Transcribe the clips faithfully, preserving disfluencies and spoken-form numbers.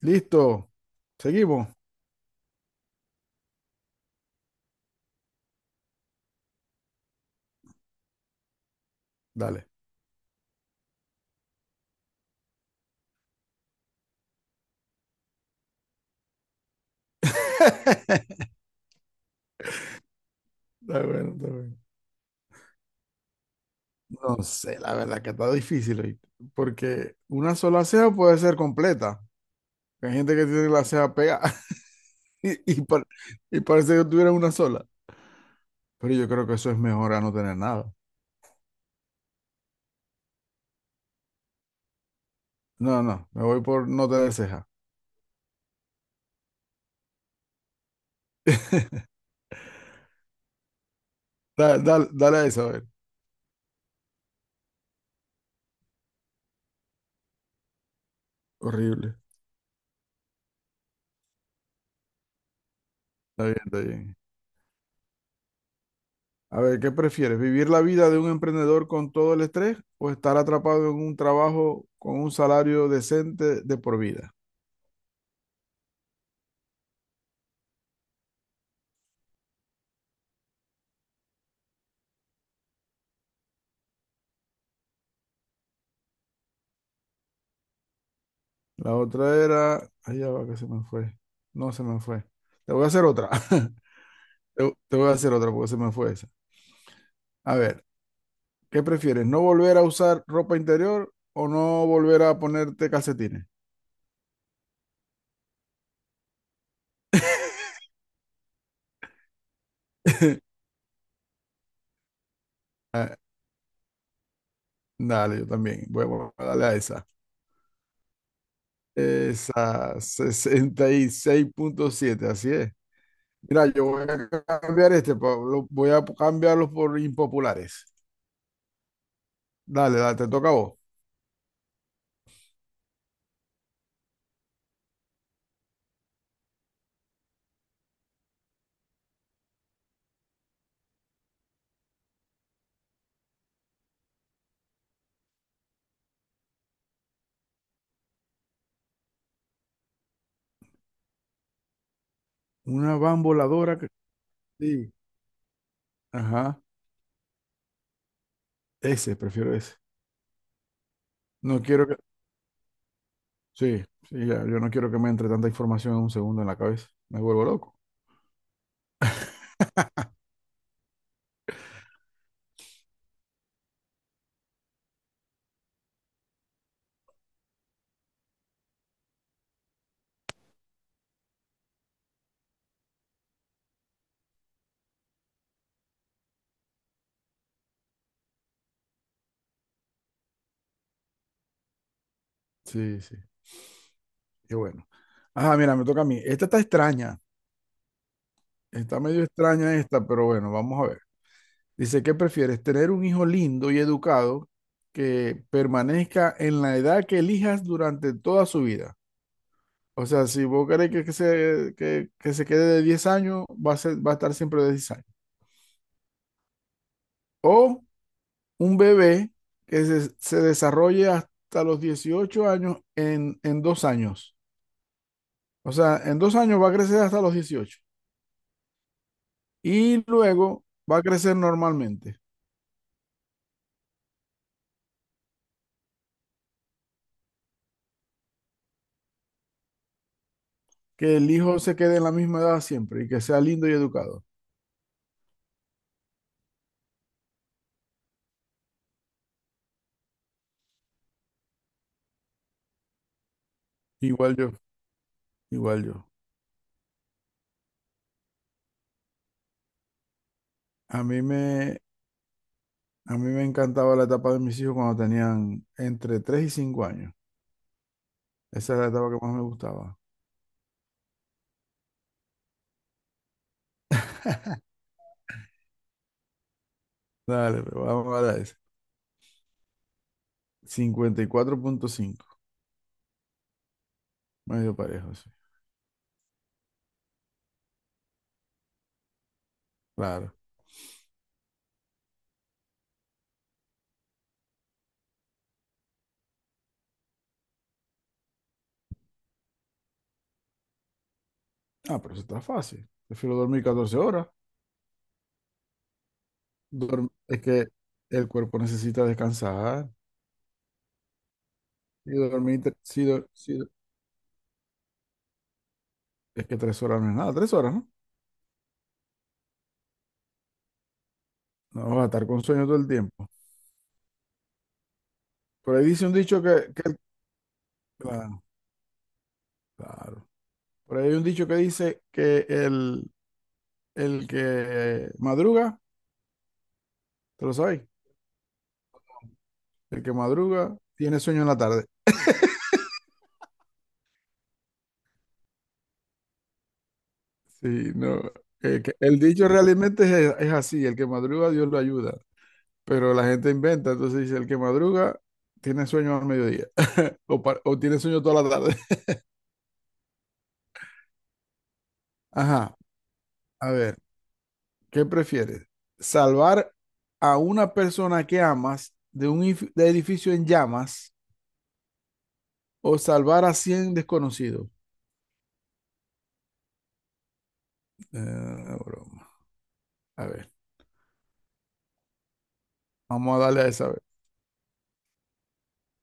Listo. Seguimos. Dale. Está bueno, está bueno. No sé, la verdad que está difícil, ¿oíste? Porque una sola ceja puede ser completa. Hay gente que tiene la ceja pegada y, y par- y parece que tuviera una sola. Pero yo creo que eso es mejor a no tener nada. No, no, me voy por no tener ceja. Dale, dale, dale a eso, a ver. Horrible. Está bien, está bien. A ver, ¿qué prefieres? ¿Vivir la vida de un emprendedor con todo el estrés o estar atrapado en un trabajo con un salario decente de por vida? La otra era... Ay, ya va que se me fue. No se me fue. Te voy a hacer otra. Te, te voy a hacer otra porque se me fue esa. A ver, ¿qué prefieres? ¿No volver a usar ropa interior o no volver a ponerte calcetines? Ah, Dale, yo también. Voy a darle a esa. Esa sesenta y seis punto siete, así es. Mira, yo voy a cambiar este, Pablo, voy a cambiarlos por impopulares. Dale, dale, te toca a vos. Una van voladora que... Sí, ajá, ese, prefiero ese. No quiero que... Sí, sí, ya, yo no quiero que me entre tanta información en un segundo en la cabeza. Me vuelvo loco. Sí, sí, qué bueno. Ajá, mira, me toca a mí. Esta está extraña, está medio extraña esta, pero bueno, vamos a ver. Dice, ¿qué prefieres? ¿Tener un hijo lindo y educado que permanezca en la edad que elijas durante toda su vida? O sea, si vos querés que, que se, que, que se quede de diez años, va a ser, va a estar siempre de diez años. O un bebé que se, se desarrolle hasta los dieciocho años en, en dos años. O sea, en dos años va a crecer hasta los dieciocho. Y luego va a crecer normalmente. Que el hijo se quede en la misma edad siempre y que sea lindo y educado. Igual yo, igual yo. A mí me, a mí me encantaba la etapa de mis hijos cuando tenían entre tres y cinco años. Esa era la etapa que más me gustaba. Dale, pero vamos a dar ese. cincuenta y cuatro punto cinco. Medio parejo, sí. Claro. Ah, pero eso está fácil. Prefiero dormir catorce horas. Dorm- es que el cuerpo necesita descansar. Y dormir, tre- sí, do- sí, do- es que tres horas no es nada. Tres horas, ¿no? No vas a estar con sueño todo el tiempo. Por ahí dice un dicho que, que claro, claro. Por ahí hay un dicho que dice que el, el que madruga, ¿te lo sabéis? El que madruga tiene sueño en la tarde. Sí, no. eh, que el dicho realmente es, es así, el que madruga Dios lo ayuda, pero la gente inventa, entonces dice, el que madruga tiene sueño al mediodía o, par- o tiene sueño toda la tarde. Ajá, a ver, ¿qué prefieres? ¿Salvar a una persona que amas de un if- de edificio en llamas o salvar a cien desconocidos? Eh, broma. A ver, vamos a darle a esa, a ver.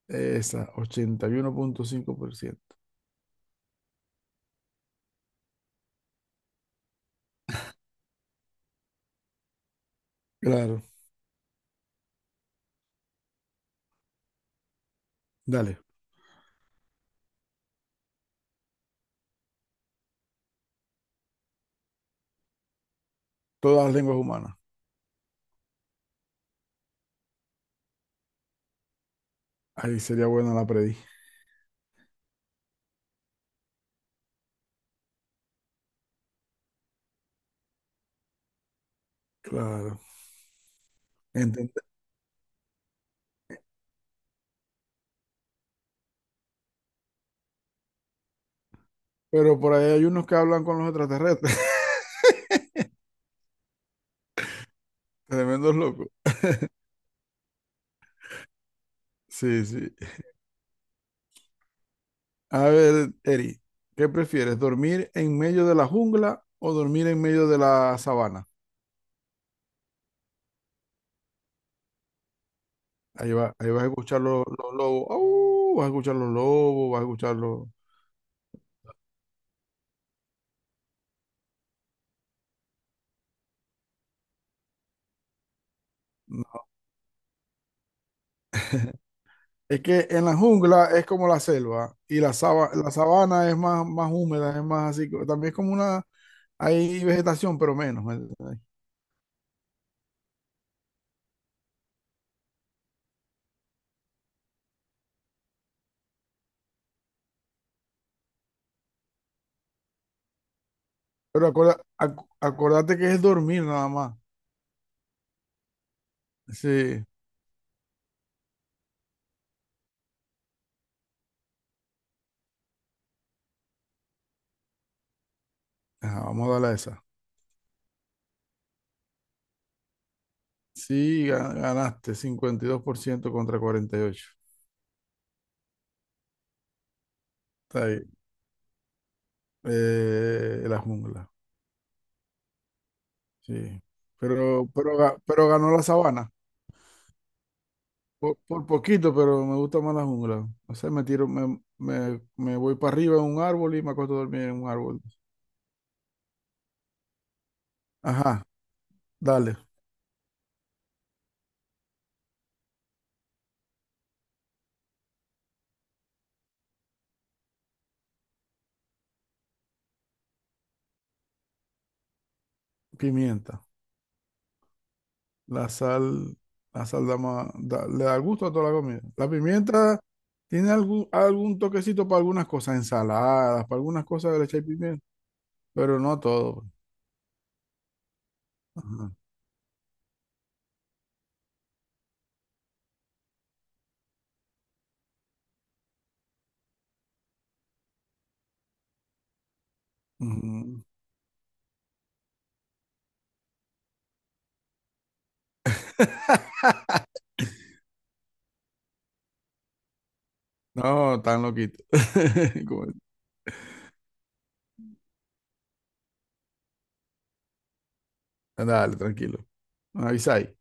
Esa, ochenta y uno punto cinco por ciento. Claro, dale, todas las lenguas humanas. Ahí sería buena la predí. Claro. Entend- Pero por ahí hay unos que hablan con los extraterrestres. Tremendos locos. Sí, sí. A ver, Eri, ¿qué prefieres? ¿Dormir en medio de la jungla o dormir en medio de la sabana? Ahí va, ahí vas a escuchar los, los lobos. ¡Au! Vas a escuchar los lobos, vas a escuchar los... No. Es que en la jungla es como la selva y la, saba- la sabana es más, más húmeda, es más así. co- También es como una... Hay vegetación, pero menos. ¿Me entiendes? Pero acorda- ac- acordate que es dormir nada más. Sí. Ajá, vamos a darle a esa. Sí, ga- ganaste cincuenta y dos por ciento contra cuarenta y ocho. Está ahí. Eh, la jungla. Sí. Pero, pero, ga- pero ganó la sabana. Por, por poquito, pero me gusta más la jungla. O sea, me tiro, me, me, me voy para arriba en un árbol y me acuesto a dormir en un árbol. Ajá, dale. Pimienta. La sal, la sal da más, da- le da gusto a toda la comida. La pimienta tiene algún, algún toquecito para algunas cosas, ensaladas, para algunas cosas que le echáis pimienta, pero no todo. Pues. Ajá. Ujú. No, tan loquito. Como- Dale, tranquilo. Avisa ahí.